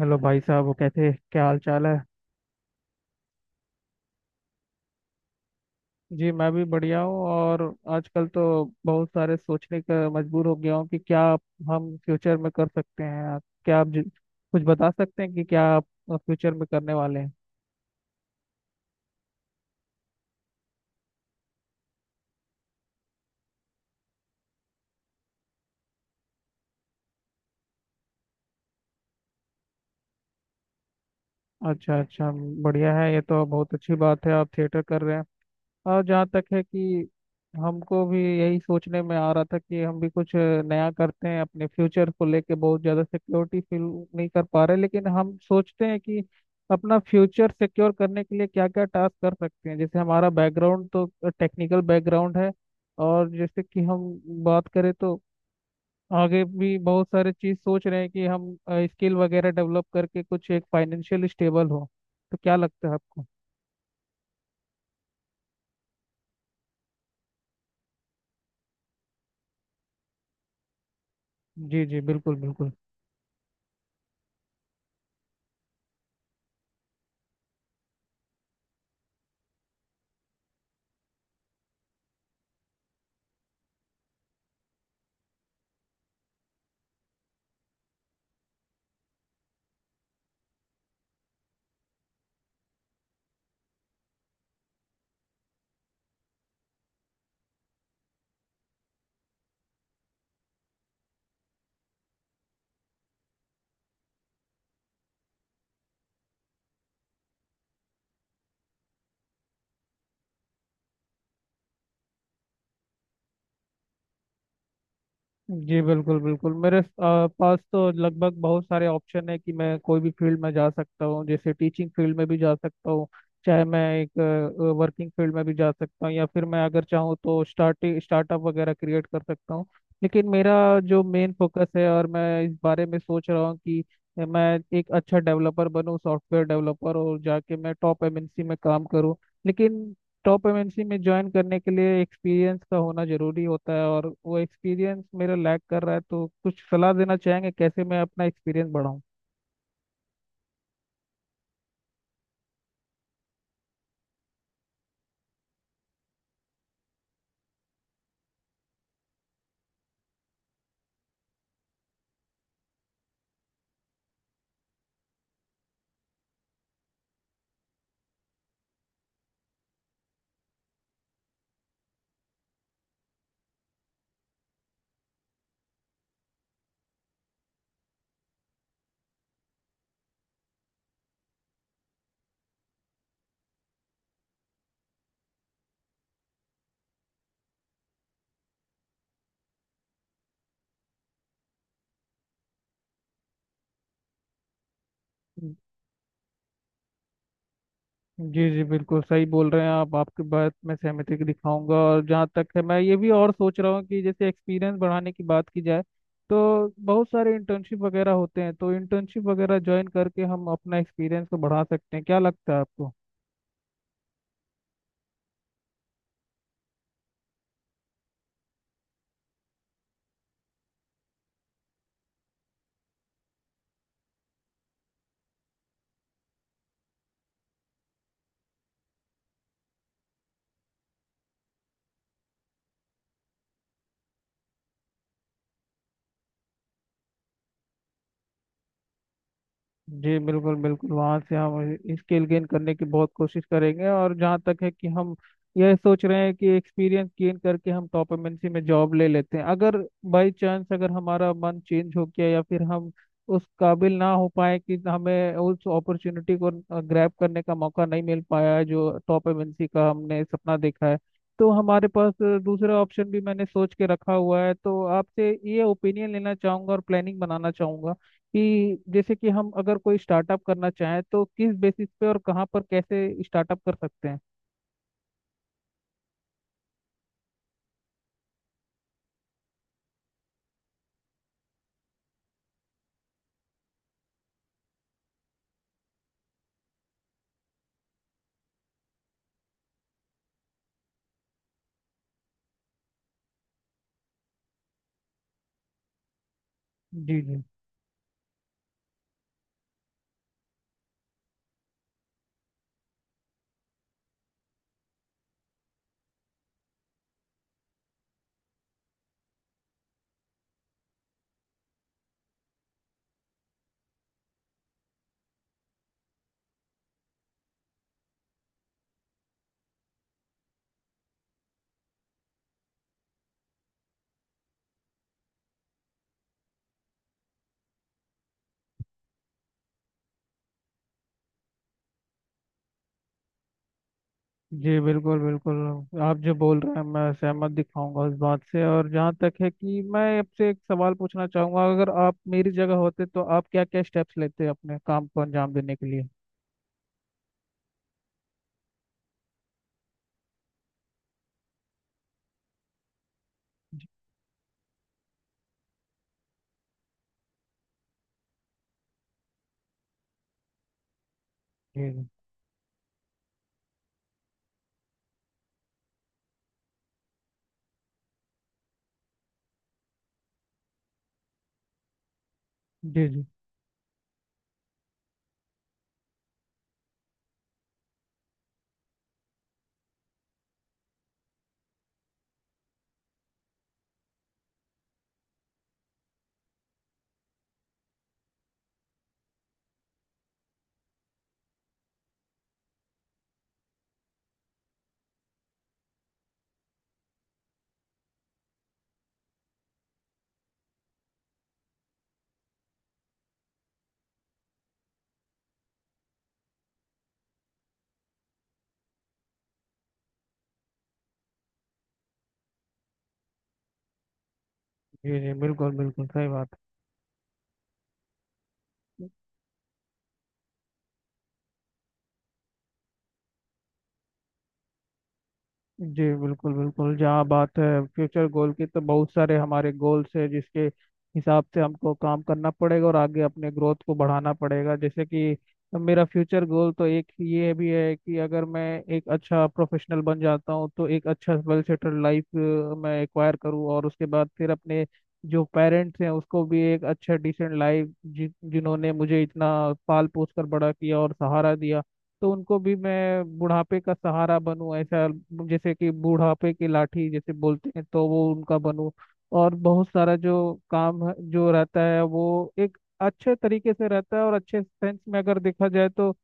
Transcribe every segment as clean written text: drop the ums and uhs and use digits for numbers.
Hello भाई साहब, वो कैसे, क्या हाल चाल है। जी मैं भी बढ़िया हूँ। और आजकल तो बहुत सारे सोचने का मजबूर हो गया हूँ कि क्या हम फ्यूचर में कर सकते हैं। क्या आप कुछ बता सकते हैं कि क्या आप फ्यूचर में करने वाले हैं? अच्छा अच्छा, बढ़िया है, ये तो बहुत अच्छी बात है आप थिएटर कर रहे हैं। और जहाँ तक है कि हमको भी यही सोचने में आ रहा था कि हम भी कुछ नया करते हैं अपने फ्यूचर को लेके, बहुत ज़्यादा सिक्योरिटी फील नहीं कर पा रहे, लेकिन हम सोचते हैं कि अपना फ्यूचर सिक्योर करने के लिए क्या क्या टास्क कर सकते हैं। जैसे हमारा बैकग्राउंड तो टेक्निकल बैकग्राउंड है, और जैसे कि हम बात करें तो आगे भी बहुत सारे चीज़ सोच रहे हैं कि हम स्किल वगैरह डेवलप करके कुछ एक फाइनेंशियल स्टेबल हो। तो क्या लगता है आपको? जी जी बिल्कुल बिल्कुल। जी बिल्कुल बिल्कुल, मेरे पास तो लगभग बहुत सारे ऑप्शन है कि मैं कोई भी फील्ड में जा सकता हूँ, जैसे टीचिंग फील्ड में भी जा सकता हूँ, चाहे मैं एक वर्किंग फील्ड में भी जा सकता हूँ, या फिर मैं अगर चाहूँ तो स्टार्टअप वगैरह क्रिएट कर सकता हूँ। लेकिन मेरा जो मेन फोकस है और मैं इस बारे में सोच रहा हूँ कि मैं एक अच्छा डेवलपर बनूँ, सॉफ्टवेयर डेवलपर, और जाके मैं टॉप एमएनसी में काम करूँ। लेकिन टॉप एमएनसी में ज्वाइन करने के लिए एक्सपीरियंस का होना जरूरी होता है, और वो एक्सपीरियंस मेरा लैक कर रहा है, तो कुछ सलाह देना चाहेंगे कैसे मैं अपना एक्सपीरियंस बढ़ाऊं। जी जी बिल्कुल, सही बोल रहे हैं आप, आपकी बात मैं सहमति दिखाऊंगा। और जहाँ तक है, मैं ये भी और सोच रहा हूँ कि जैसे एक्सपीरियंस बढ़ाने की बात की जाए तो बहुत सारे इंटर्नशिप वगैरह होते हैं, तो इंटर्नशिप वगैरह ज्वाइन करके हम अपना एक्सपीरियंस को बढ़ा सकते हैं, क्या लगता है आपको? जी बिल्कुल बिल्कुल, वहाँ से हम स्किल गेन करने की बहुत कोशिश करेंगे। और जहाँ तक है कि हम यह सोच रहे हैं कि एक्सपीरियंस गेन करके हम टॉप एमएनसी में जॉब ले लेते हैं। अगर बाई चांस अगर हमारा मन चेंज हो गया, या फिर हम उस काबिल ना हो पाए कि हमें उस अपॉर्चुनिटी को ग्रैब करने का मौका नहीं मिल पाया है जो टॉप एमएनसी का हमने सपना देखा है, तो हमारे पास दूसरा ऑप्शन भी मैंने सोच के रखा हुआ है, तो आपसे ये ओपिनियन लेना चाहूँगा और प्लानिंग बनाना चाहूँगा कि जैसे कि हम अगर कोई स्टार्टअप करना चाहें तो किस बेसिस पे और कहाँ पर कैसे स्टार्टअप कर सकते हैं? जी जी। जी बिल्कुल बिल्कुल, आप जो बोल रहे हैं मैं सहमत दिखाऊंगा उस बात से। और जहाँ तक है कि मैं आपसे एक सवाल पूछना चाहूंगा, अगर आप मेरी जगह होते तो आप क्या क्या स्टेप्स लेते अपने काम को अंजाम देने के लिए? जी जी, जी जी, जी जी बिल्कुल बिल्कुल सही बात। जी बिल्कुल बिल्कुल, जहाँ बात है फ्यूचर गोल की, तो बहुत सारे हमारे गोल्स है जिसके हिसाब से हमको काम करना पड़ेगा और आगे अपने ग्रोथ को बढ़ाना पड़ेगा। जैसे कि मेरा फ्यूचर गोल तो एक ये भी है कि अगर मैं एक अच्छा प्रोफेशनल बन जाता हूँ तो एक अच्छा वेल सेटल्ड लाइफ मैं एक्वायर करूँ, और उसके बाद फिर अपने जो पेरेंट्स हैं उसको भी एक अच्छा डिसेंट लाइफ, जिन्होंने मुझे इतना पाल पोस कर बड़ा किया और सहारा दिया, तो उनको भी मैं बुढ़ापे का सहारा बनूं, ऐसा जैसे कि बुढ़ापे की लाठी जैसे बोलते हैं तो वो उनका बनूं। और बहुत सारा जो जो रहता है वो एक अच्छे तरीके से रहता है, और अच्छे सेंस में अगर देखा जाए तो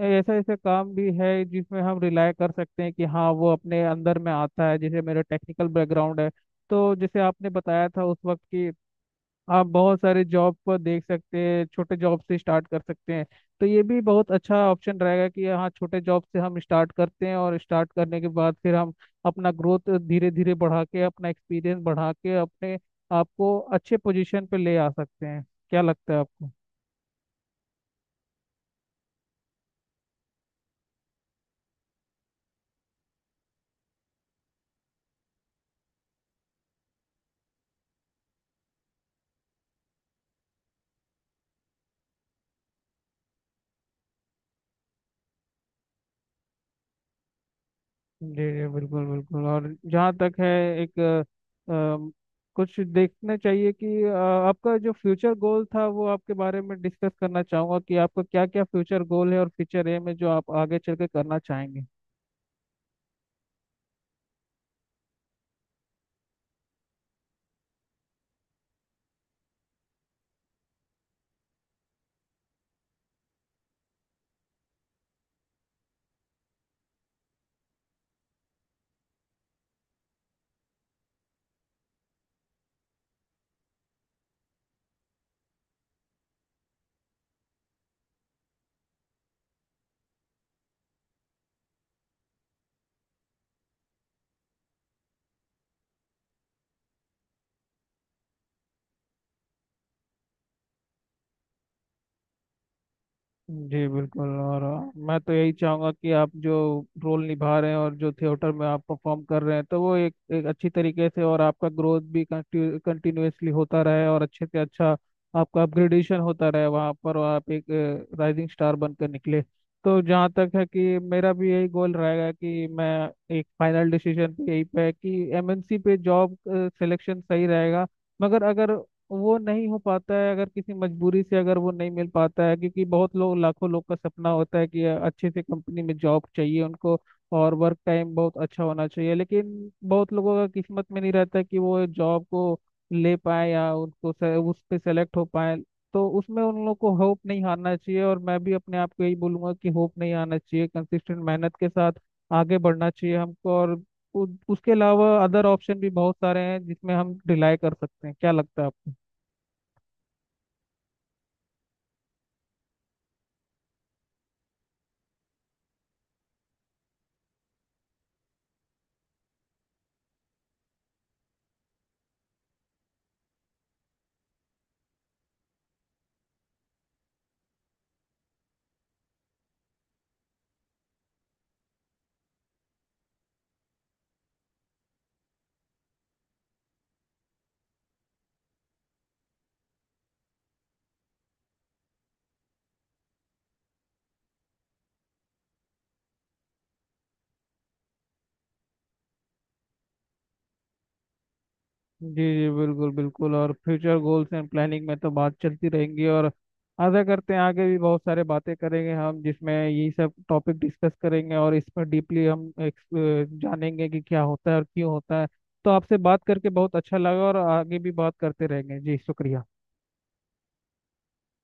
ऐसा ऐसा काम भी है जिसमें हम रिलाय कर सकते हैं कि हाँ वो अपने अंदर में आता है, जैसे मेरा टेक्निकल बैकग्राउंड है। तो जैसे आपने बताया था उस वक्त की, आप बहुत सारे जॉब को देख सकते हैं, छोटे जॉब से स्टार्ट कर सकते हैं, तो ये भी बहुत अच्छा ऑप्शन रहेगा कि हाँ छोटे जॉब से हम स्टार्ट करते हैं, और स्टार्ट करने के बाद फिर हम अपना ग्रोथ धीरे धीरे बढ़ा के, अपना एक्सपीरियंस बढ़ा के, अपने आप को अच्छे पोजीशन पे ले आ सकते हैं। क्या लगता है आपको? जी जी बिल्कुल बिल्कुल। और जहाँ तक है, एक कुछ देखना चाहिए कि आपका जो फ्यूचर गोल था वो आपके बारे में डिस्कस करना चाहूँगा कि आपका क्या क्या फ्यूचर गोल है और फ्यूचर एम है जो आप आगे चल के करना चाहेंगे। जी बिल्कुल। और मैं तो यही चाहूंगा कि आप जो रोल निभा रहे हैं और जो थिएटर में आप परफॉर्म कर रहे हैं तो वो एक एक अच्छी तरीके से, और आपका ग्रोथ भी कंटिन्यूअसली होता रहे और अच्छे से अच्छा आपका अपग्रेडेशन होता रहे वहाँ पर, और आप एक राइजिंग स्टार बनकर निकले। तो जहाँ तक है कि मेरा भी यही गोल रहेगा कि मैं एक फाइनल डिसीजन पे यही पे है कि एमएनसी पे जॉब सिलेक्शन सही रहेगा। मगर अगर वो नहीं हो पाता है, अगर किसी मजबूरी से अगर वो नहीं मिल पाता है, क्योंकि बहुत लोग, लाखों लोग का सपना होता है कि अच्छे से कंपनी में जॉब चाहिए उनको, और वर्क टाइम बहुत अच्छा होना चाहिए, लेकिन बहुत लोगों का किस्मत में नहीं रहता कि वो जॉब को ले पाए या उनको उस पे सेलेक्ट हो पाए। तो उसमें उन लोगों को होप नहीं हारना चाहिए, और मैं भी अपने आप को यही बोलूंगा कि होप नहीं हारना चाहिए, कंसिस्टेंट मेहनत के साथ आगे बढ़ना चाहिए हमको। और उसके अलावा अदर ऑप्शन भी बहुत सारे हैं जिसमें हम रिलाई कर सकते हैं, क्या लगता है आपको? जी जी बिल्कुल बिल्कुल, और फ्यूचर गोल्स एंड प्लानिंग में तो बात चलती रहेंगी, और आशा करते हैं आगे भी बहुत सारे बातें करेंगे हम जिसमें यही सब टॉपिक डिस्कस करेंगे और इस पर डीपली हम जानेंगे कि क्या होता है और क्यों होता है। तो आपसे बात करके बहुत अच्छा लगा, और आगे भी बात करते रहेंगे जी, शुक्रिया।